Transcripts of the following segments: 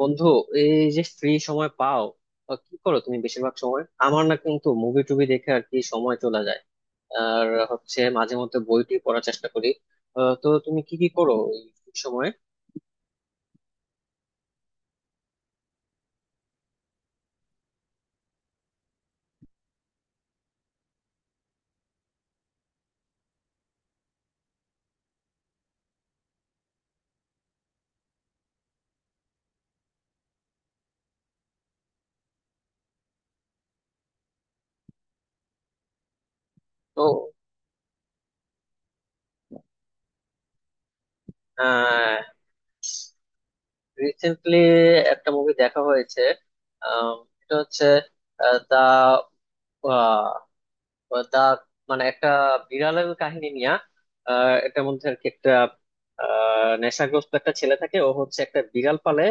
বন্ধু এই যে ফ্রি সময় পাও। কি করো তুমি? বেশিরভাগ সময় আমার না কিন্তু মুভি টুভি দেখে আর কি সময় চলে যায়। আর হচ্ছে মাঝে মধ্যে বইটি পড়ার চেষ্টা করি। তো তুমি কি কি করো এই free সময়ে? তো আহ রিসেন্টলি একটা মুভি দেখা হয়েছে। আহ, এটা হচ্ছে দা দা মানে একটা বিড়ালের কাহিনী নিয়া। এটার মধ্যে আর কি একটা নেশাগ্রস্ত একটা ছেলে থাকে, ও হচ্ছে একটা বিড়াল পালে।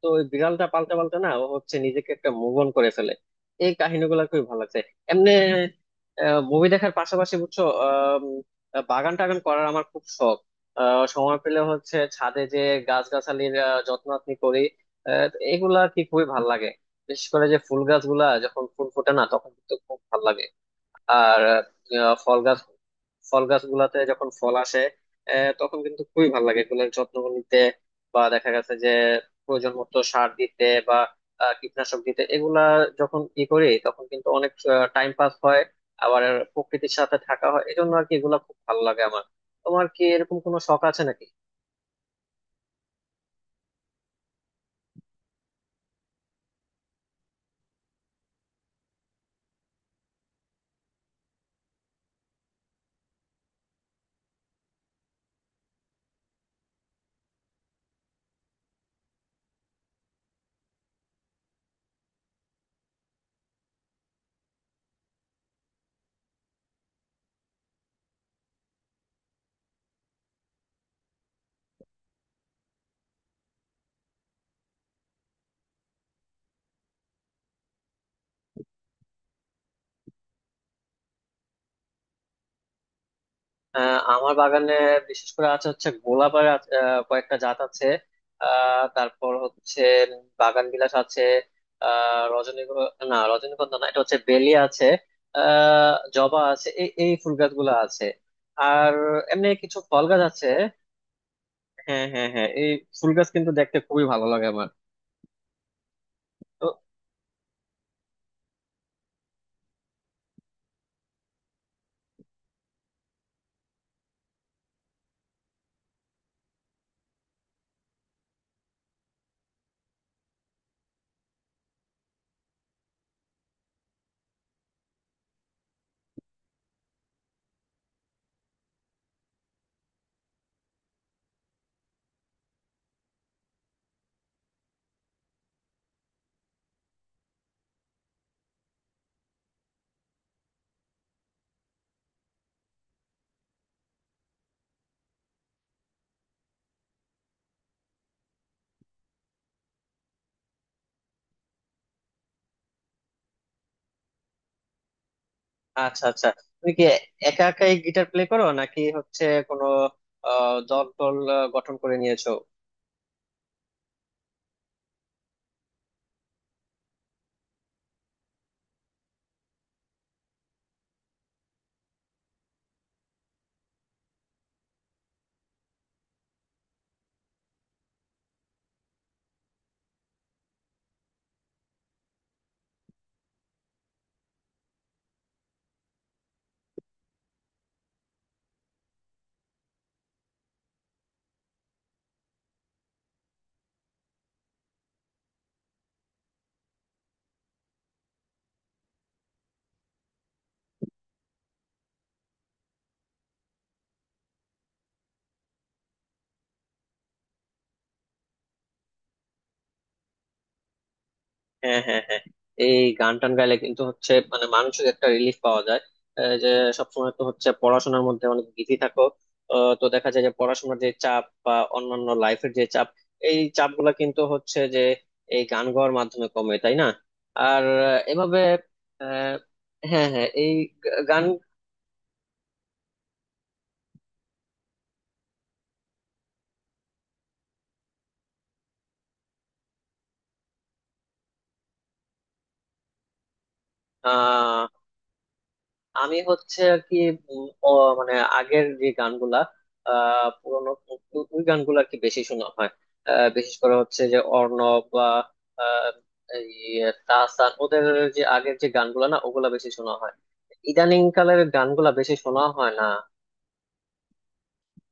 তো ওই বিড়ালটা পালতে পালতে না ও হচ্ছে নিজেকে একটা মুভ অন করে ফেলে। এই কাহিনীগুলো খুবই ভালো লাগছে। এমনি মুভি দেখার পাশাপাশি বুঝছো, বাগান টাগান করার আমার খুব শখ। সময় পেলে হচ্ছে ছাদে যে গাছগাছালির যত্ন আত্নি করি। আহ, এগুলা কি খুবই ভালো লাগে। বিশেষ করে যে ফুল গাছগুলা যখন ফুল ফোটে না তখন কিন্তু খুব ভালো লাগে। আর ফল গাছ, ফল গাছগুলাতে যখন ফল আসে তখন কিন্তু খুবই ভালো লাগে এগুলোর যত্ন নিতে। বা দেখা গেছে যে প্রয়োজন মতো সার দিতে বা কীটনাশক দিতে, এগুলা যখন ই করি তখন কিন্তু অনেক টাইম পাস হয়। আবার প্রকৃতির সাথে থাকা হয়, এই জন্য আর কি এগুলা খুব ভালো লাগে আমার। তোমার কি এরকম কোনো শখ আছে নাকি? আমার বাগানে বিশেষ করে আছে হচ্ছে গোলাপের কয়েকটা জাত আছে। তারপর হচ্ছে বাগান বিলাস আছে, রজনীগন্ধা না, এটা হচ্ছে বেলি আছে, জবা আছে, এই এই ফুল গাছগুলো আছে। আর এমনি কিছু ফল গাছ আছে। হ্যাঁ, হ্যাঁ, হ্যাঁ, এই ফুল গাছ কিন্তু দেখতে খুবই ভালো লাগে আমার। তো আচ্ছা, আচ্ছা, তুমি কি একা একাই গিটার প্লে করো, নাকি হচ্ছে কোনো দল টল গঠন করে নিয়েছো? হ্যাঁ, হ্যাঁ, হ্যাঁ, এই গান টান গাইলে কিন্তু হচ্ছে মানে মানসিক একটা রিলিফ পাওয়া যায়। যে সবসময় তো হচ্ছে পড়াশোনার মধ্যে অনেক বিজি থাকো। তো দেখা যায় যে পড়াশোনার যে চাপ বা অন্যান্য লাইফের যে চাপ, এই চাপ গুলা কিন্তু হচ্ছে যে এই গান গাওয়ার মাধ্যমে কমে, তাই না? আর এভাবে আহ, হ্যাঁ, হ্যাঁ, এই গান। আহ আমি হচ্ছে আর কি ও মানে আগের যে গানগুলা, পুরোনো ওই গানগুলো আর কি বেশি শোনা হয়। বিশেষ করে হচ্ছে যে অর্ণব বা আহ, এই তাহসান, ওদের যে আগের যে গানগুলা না ওগুলা বেশি শোনা হয়। ইদানিং কালের গানগুলা বেশি শোনা হয় না।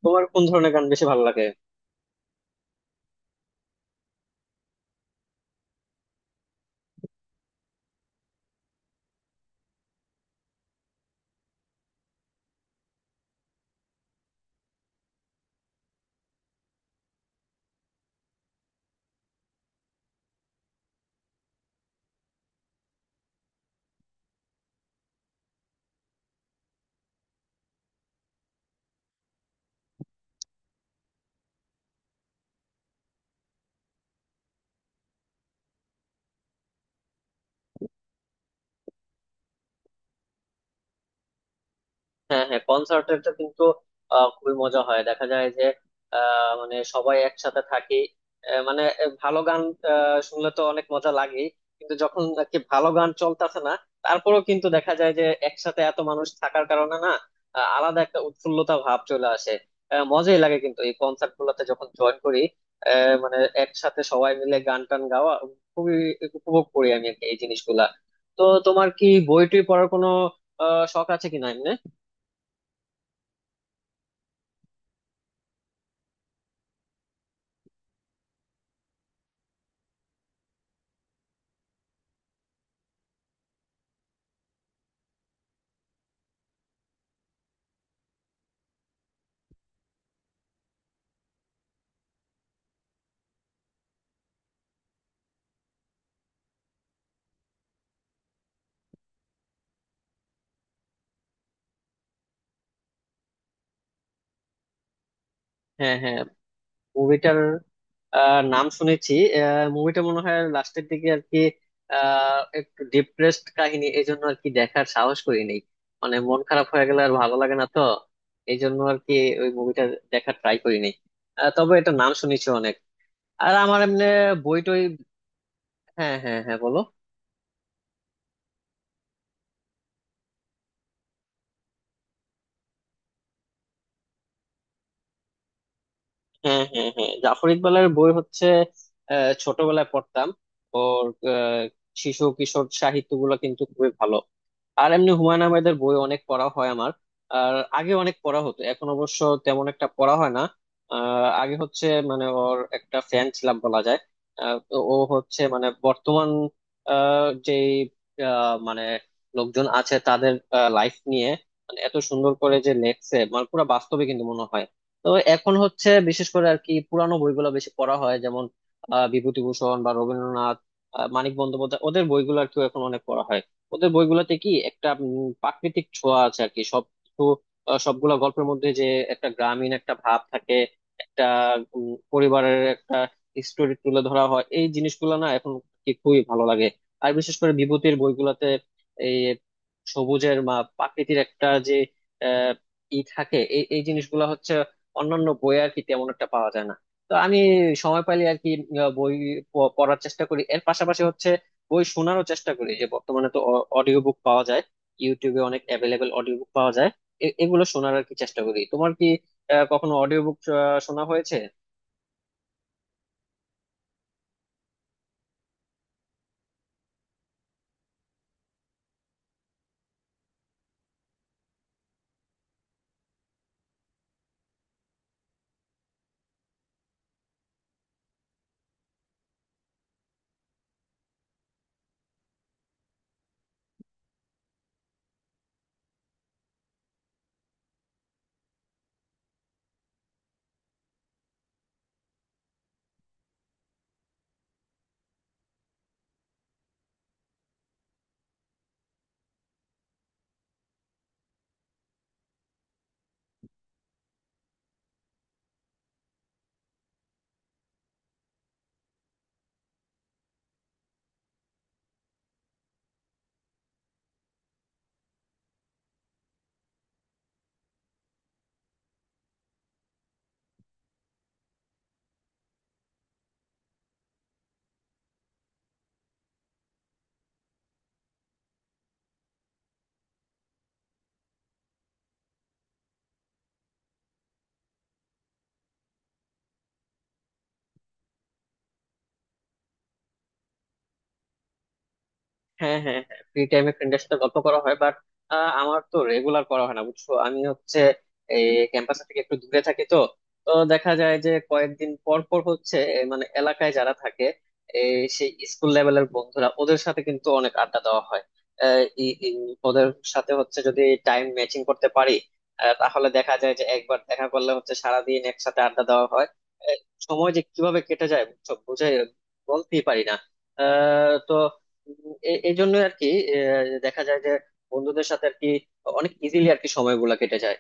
তোমার কোন ধরনের গান বেশি ভালো লাগে? হ্যাঁ, হ্যাঁ, কনসার্টেরটা কিন্তু খুবই মজা হয়। দেখা যায় যে মানে সবাই একসাথে থাকি, ভালো গান শুনলে তো অনেক মজা লাগে। কিন্তু যখন আর কি ভালো গান চলতেছে না, তারপরেও কিন্তু দেখা যায় যে একসাথে এত মানুষ থাকার কারণে না আলাদা একটা উৎফুল্লতা ভাব চলে আসে। মজাই লাগে কিন্তু এই কনসার্ট গুলোতে যখন জয়েন করি। মানে একসাথে সবাই মিলে গান টান গাওয়া খুবই উপভোগ করি আমি আর কি এই জিনিসগুলা। তো তোমার কি বই টই পড়ার কোনো শখ আছে কিনা এমনি? হ্যাঁ, হ্যাঁ, মুভিটার নাম শুনেছি। মুভিটা মনে হয় লাস্টের দিকে আর কি একটু ডিপ্রেসড কাহিনী, এই জন্য আর কি দেখার সাহস করি নেই। মানে মন খারাপ হয়ে গেলে আর ভালো লাগে না তো, এই জন্য আর কি ওই মুভিটা দেখার ট্রাই করি নেই। তবে এটা নাম শুনেছি অনেক। আর আমার এমনি বই টই। হ্যাঁ, হ্যাঁ, হ্যাঁ, বলো। হ্যাঁ, হ্যাঁ, হ্যাঁ, জাফর ইকবালের বই হচ্ছে ছোটবেলায় পড়তাম। ওর আহ, শিশু কিশোর সাহিত্যগুলো কিন্তু খুবই ভালো। আর এমনি হুমায়ুন আহমেদের বই অনেক পড়া হয় আমার। আর আগে অনেক পড়া হতো, এখন অবশ্য তেমন একটা পড়া হয় না। আগে হচ্ছে মানে ওর একটা ফ্যান ছিলাম বলা যায়। তো ও হচ্ছে মানে বর্তমান আহ, যে মানে লোকজন আছে তাদের লাইফ নিয়ে মানে এত সুন্দর করে যে লেখছে, মানে পুরো বাস্তবে কিন্তু মনে হয়। তো এখন হচ্ছে বিশেষ করে আর কি পুরানো বইগুলো বেশি পড়া হয়, যেমন বিভূতিভূষণ বা রবীন্দ্রনাথ, মানিক বন্দ্যোপাধ্যায়, ওদের বইগুলো আর কি এখন অনেক পড়া হয়। ওদের বইগুলোতে কি একটা প্রাকৃতিক ছোঁয়া আছে আর কি সব কিছু। সবগুলা গল্পের মধ্যে যে একটা গ্রামীণ একটা ভাব থাকে, একটা পরিবারের একটা স্টোরি তুলে ধরা হয়। এই জিনিসগুলো না এখন কি খুবই ভালো লাগে। আর বিশেষ করে বিভূতির বইগুলোতে এই সবুজের মা প্রাকৃতির একটা যে আহ ই থাকে, এই এই জিনিসগুলো হচ্ছে অন্যান্য বই আর কি তেমন একটা পাওয়া যায় না। তো আমি সময় পাইলে আর কি বই পড়ার চেষ্টা করি। এর পাশাপাশি হচ্ছে বই শোনারও চেষ্টা করি, যে বর্তমানে তো অডিও বুক পাওয়া যায়, ইউটিউবে অনেক অ্যাভেলেবেল অডিও বুক পাওয়া যায়। এগুলো শোনার আর কি চেষ্টা করি। তোমার কি কখনো অডিও বুক শোনা হয়েছে? হ্যাঁ, হ্যাঁ, হ্যাঁ, ফ্রি টাইমে ফ্রেন্ডের সাথে গল্প করা হয়, বাট আমার তো রেগুলার করা হয় না, বুঝছো। আমি হচ্ছে এই ক্যাম্পাস থেকে একটু দূরে থাকি তো, তো দেখা যায় যে কয়েকদিন পর পর হচ্ছে মানে এলাকায় যারা থাকে এই সেই স্কুল লেভেলের বন্ধুরা, ওদের সাথে কিন্তু অনেক আড্ডা দেওয়া হয়। ওদের সাথে হচ্ছে যদি টাইম ম্যাচিং করতে পারি তাহলে দেখা যায় যে একবার দেখা করলে হচ্ছে সারাদিন একসাথে আড্ডা দেওয়া হয়। আহ, সময় যে কিভাবে কেটে যায় বুঝছো, বুঝে বলতেই পারি না। তো এই জন্য আর কি দেখা যায় যে বন্ধুদের সাথে আর কি অনেক ইজিলি আর কি সময়গুলা কেটে যায়।